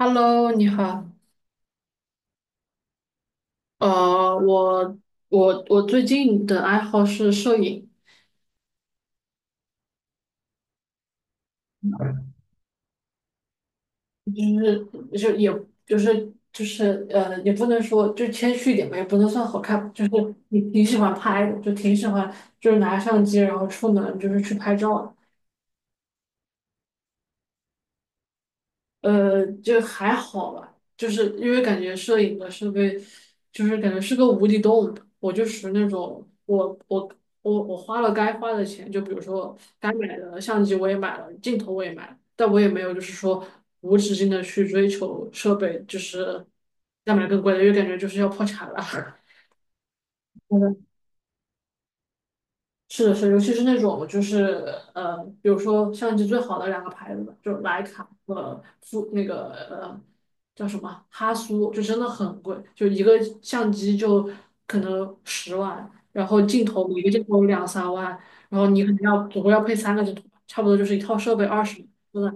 Hello，你好。呃，我我最近的爱好是摄影，就是就是也就是就是呃，也不能说就谦虚一点吧，也不能算好看吧就是你挺喜欢拍的，就挺喜欢拿相机然后出门就是去拍照的。呃，就还好吧，就是因为感觉摄影的设备，就是感觉是个无底洞。我就属于那种，我花了该花的钱，就比如说该买的相机我也买了，镜头我也买了，但我也没有就是说无止境的去追求设备，就是再买更贵的，因为感觉就是要破产了。是的是的，尤其是那种比如说相机最好的两个牌子吧，就是徕卡和富那个叫什么哈苏，就真的很贵，就一个相机就可能十万，然后镜头每个镜头两三万，然后你可能要总共要配三个镜头，差不多就是一套设备二十，真的。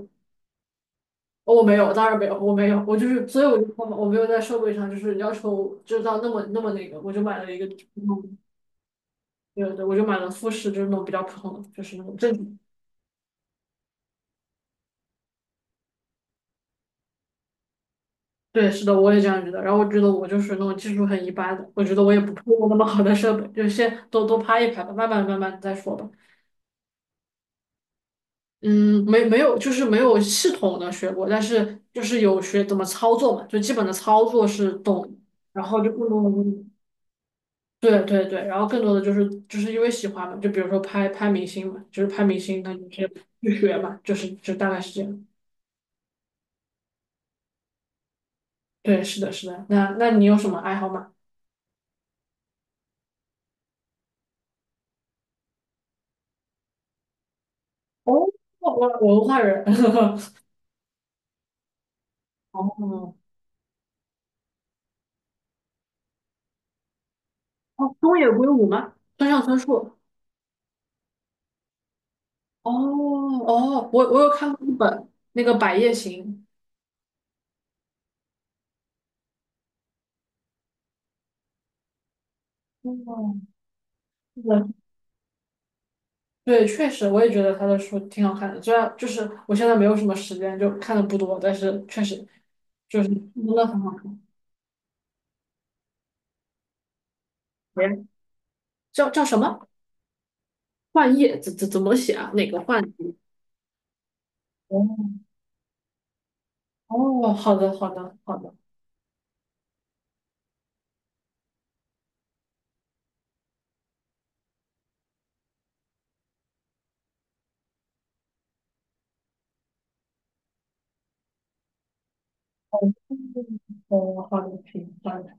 哦我没有，当然没有，我没有，我就是，所以我就说嘛我没有在设备上就是要求知道那么那个，我就买了一个普通的，对对，我就买了富士，就是那种比较普通的，就是那种正。对，是的，我也这样觉得。然后我觉得我就是那种技术很一般的，我觉得我也不配用那么好的设备，就先都拍一拍吧，慢慢再说吧。嗯，没有，就是没有系统的学过，但是就是有学怎么操作嘛，就基本的操作是懂的。然后就更多的，对对对，然后更多的就是因为喜欢嘛，就比如说拍拍明星嘛，就是拍明星，那就是去学嘛，就是就大概是这样。对，是的，是的。那那你有什么爱好吗？哦，我我文化人。哦，哦，东野圭吾吗？村上春树。哦哦，我我有看过一本那个《百叶行》。哦，是的对，确实，我也觉得他的书挺好看的。虽然就是我现在没有什么时间，就看的不多，但是确实就是真的很好看。喂，叫什么？幻夜怎么写啊？哪个幻字？哦哦，好的好的好的，哦好的，行，好的。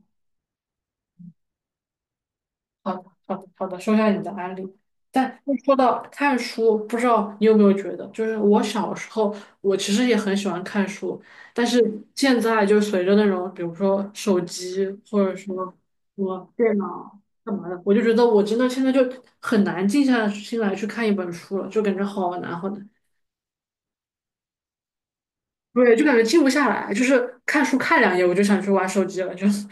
好的，好的，好的，说一下你的案例。但说到看书，不知道你有没有觉得，就是我小时候，我其实也很喜欢看书，但是现在就随着那种，比如说手机或者说什么电脑干嘛的，我就觉得我真的现在就很难静下心来去看一本书了，就感觉好难好难，对，就感觉静不下来，就是看书看两页我就想去玩手机了，就是。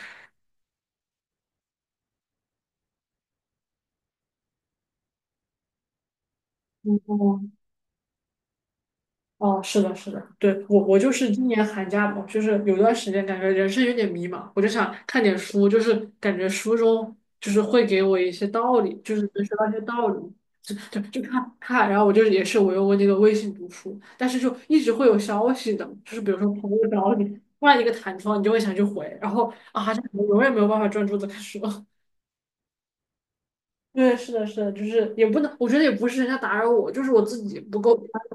哦哦，是的，是的，对，我我就是今年寒假嘛，就是有段时间感觉人生有点迷茫，我就想看点书，就是感觉书中就是会给我一些道理，就是能学到一些道理，就看看，然后我就也是我用我那个微信读书，但是就一直会有消息的，就是比如说朋友找你，突然一个弹窗，你就会想去回，然后啊，就永远没有办法专注的看书。对，是的，是的，就是也不能，我觉得也不是人家打扰我，就是我自己不够。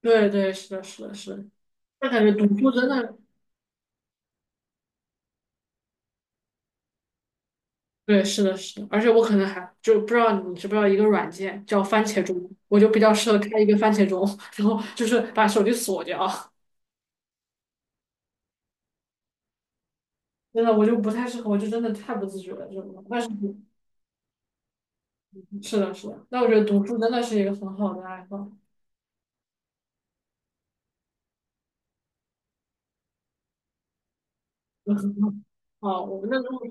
对对，是的，是的，是的。那感觉读书真的，对，是的，是的，而且我可能还就不知道你知不知道一个软件叫番茄钟，我就比较适合开一个番茄钟，然后就是把手机锁掉。真的，我就不太适合，我就真的太不自觉了，这种。但是读，是的，是的，那我觉得读书真的是一个很好的爱好。哦，我们那如果，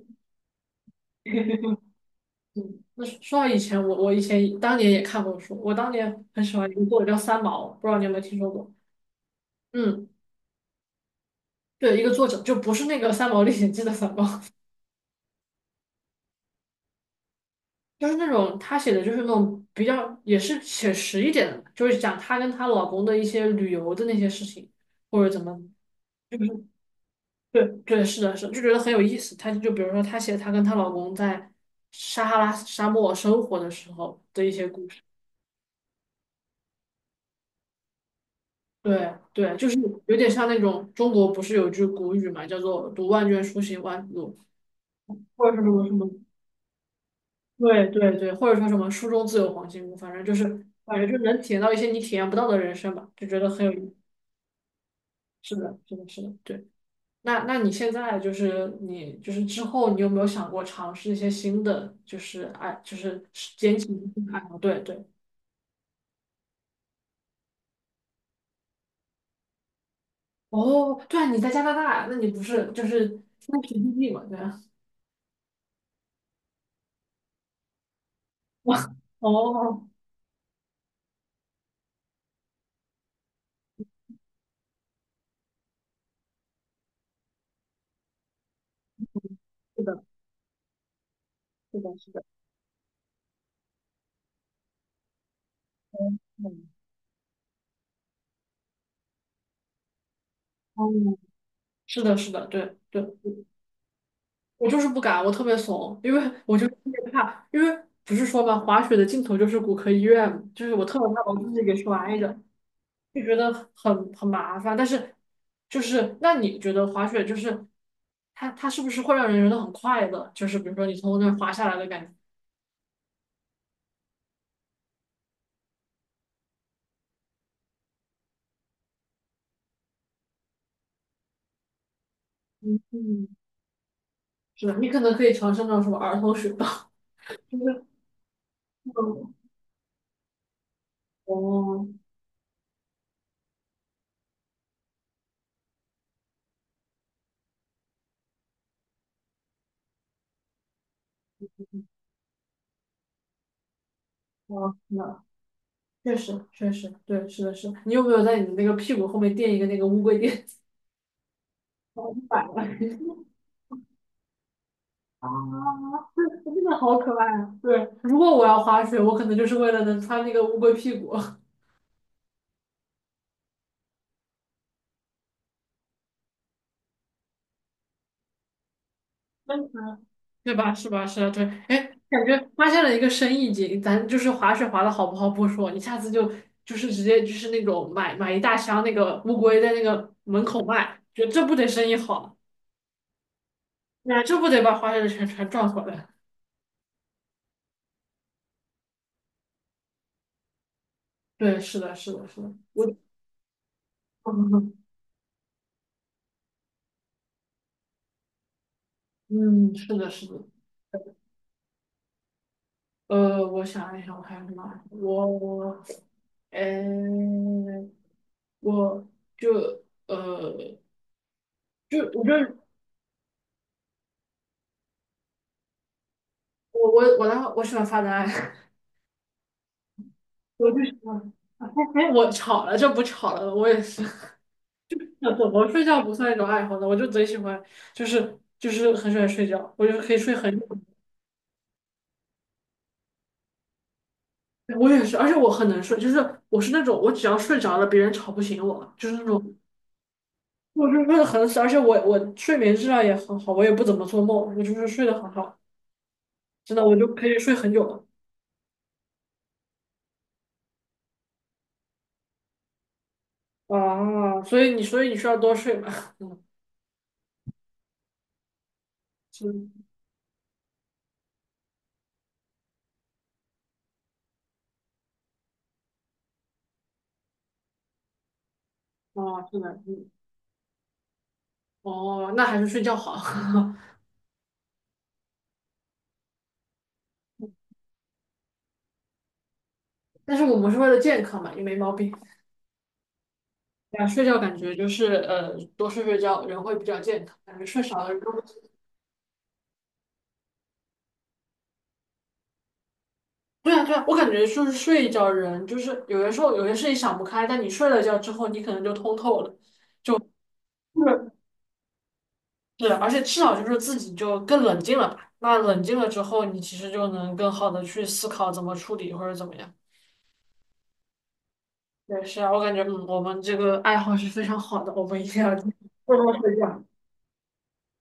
嗯那说到以前，我我以前当年也看过书，我当年很喜欢一个作者叫三毛，不知道你有没有听说过？嗯，对，一个作者，就不是那个《三毛历险记》的三毛，就是那种他写的就是那种比较也是写实一点的，就是讲她跟她老公的一些旅游的那些事情，或者怎么，就是对对是的是的就觉得很有意思。他就比如说他写她跟她老公在撒哈拉沙漠生活的时候的一些故事，对对，就是有点像那种中国不是有句古语嘛，叫做“读万卷书，行万里路”，或者是什么什么，对对对，或者说什么“书中自有黄金屋”，反正就是感觉就能体验到一些你体验不到的人生吧，就觉得很有意思是的，是的，是的，对。那那你现在就是你就是之后你有没有想过尝试一些新的就是爱就是捡起新爱好？对对。哦，对啊，你在加拿大，那你不是就是那是异地嘛？对啊。哇，哦，是的，是的，是的，嗯嗯，哦，是的，是的，对对，我就是不敢，我特别怂，因为我就是特别怕，因为不是说嘛，滑雪的尽头就是骨科医院嘛就是我特别怕把自己给摔着。就觉得很很麻烦。但是，就是那你觉得滑雪就是它是不是会让人觉得很快乐？就是比如说你从那儿滑下来的感觉，嗯嗯，是的。你可能可以尝试那种什么儿童雪道，就是那种哦，哦那确实对，是的是的你有没有在你的那个屁股后面垫一个那个乌龟垫？我反了 啊，这真的好可爱啊！对，如果我要滑雪，我可能就是为了能穿那个乌龟屁股。对吧？是吧？是啊，对，哎，感觉发现了一个生意经，咱就是滑雪滑的好不好不说，你下次就就是直接就是那种买一大箱那个乌龟在那个门口卖，觉得这不得生意好，那这不得把滑雪的钱全赚回来？对，是的，是的，是的，我，嗯，嗯是的，是的，呃，我想一想，我还有什么啊？我，呃，我就呃，就我就我我我的话我喜欢发呆。我就是，嗯哎哎，我吵了，就不吵了，我也是。那怎么睡觉不算一种爱好呢？我就贼喜欢，很喜欢睡觉，我就可以睡很久。我也是，而且我很能睡，就是我是那种我只要睡着了，别人吵不醒我，就是那种我就睡得很死，而且我睡眠质量也很好，我也不怎么做梦，我就是睡得很好，真的我就可以睡很久了啊。所以你需要多睡嘛，嗯，是啊，是的，嗯，哦，那还是睡觉好。但是我们是为了健康嘛，也没毛病。对啊，睡觉感觉就是呃，多睡睡觉人会比较健康，感觉睡少了人都不。对啊，对啊，我感觉就是睡一觉人，就是有的时候有些事情想不开，但你睡了觉之后，你可能就通透了。是对啊，而且至少就是自己就更冷静了吧。那冷静了之后，你其实就能更好的去思考怎么处理或者怎么样。对，是啊，我感觉嗯，我们这个爱好是非常好的，我们一定要多多睡觉。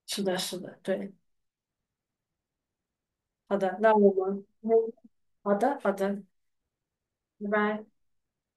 是的，是的，对，好的，那我们嗯，好的，好的。拜拜。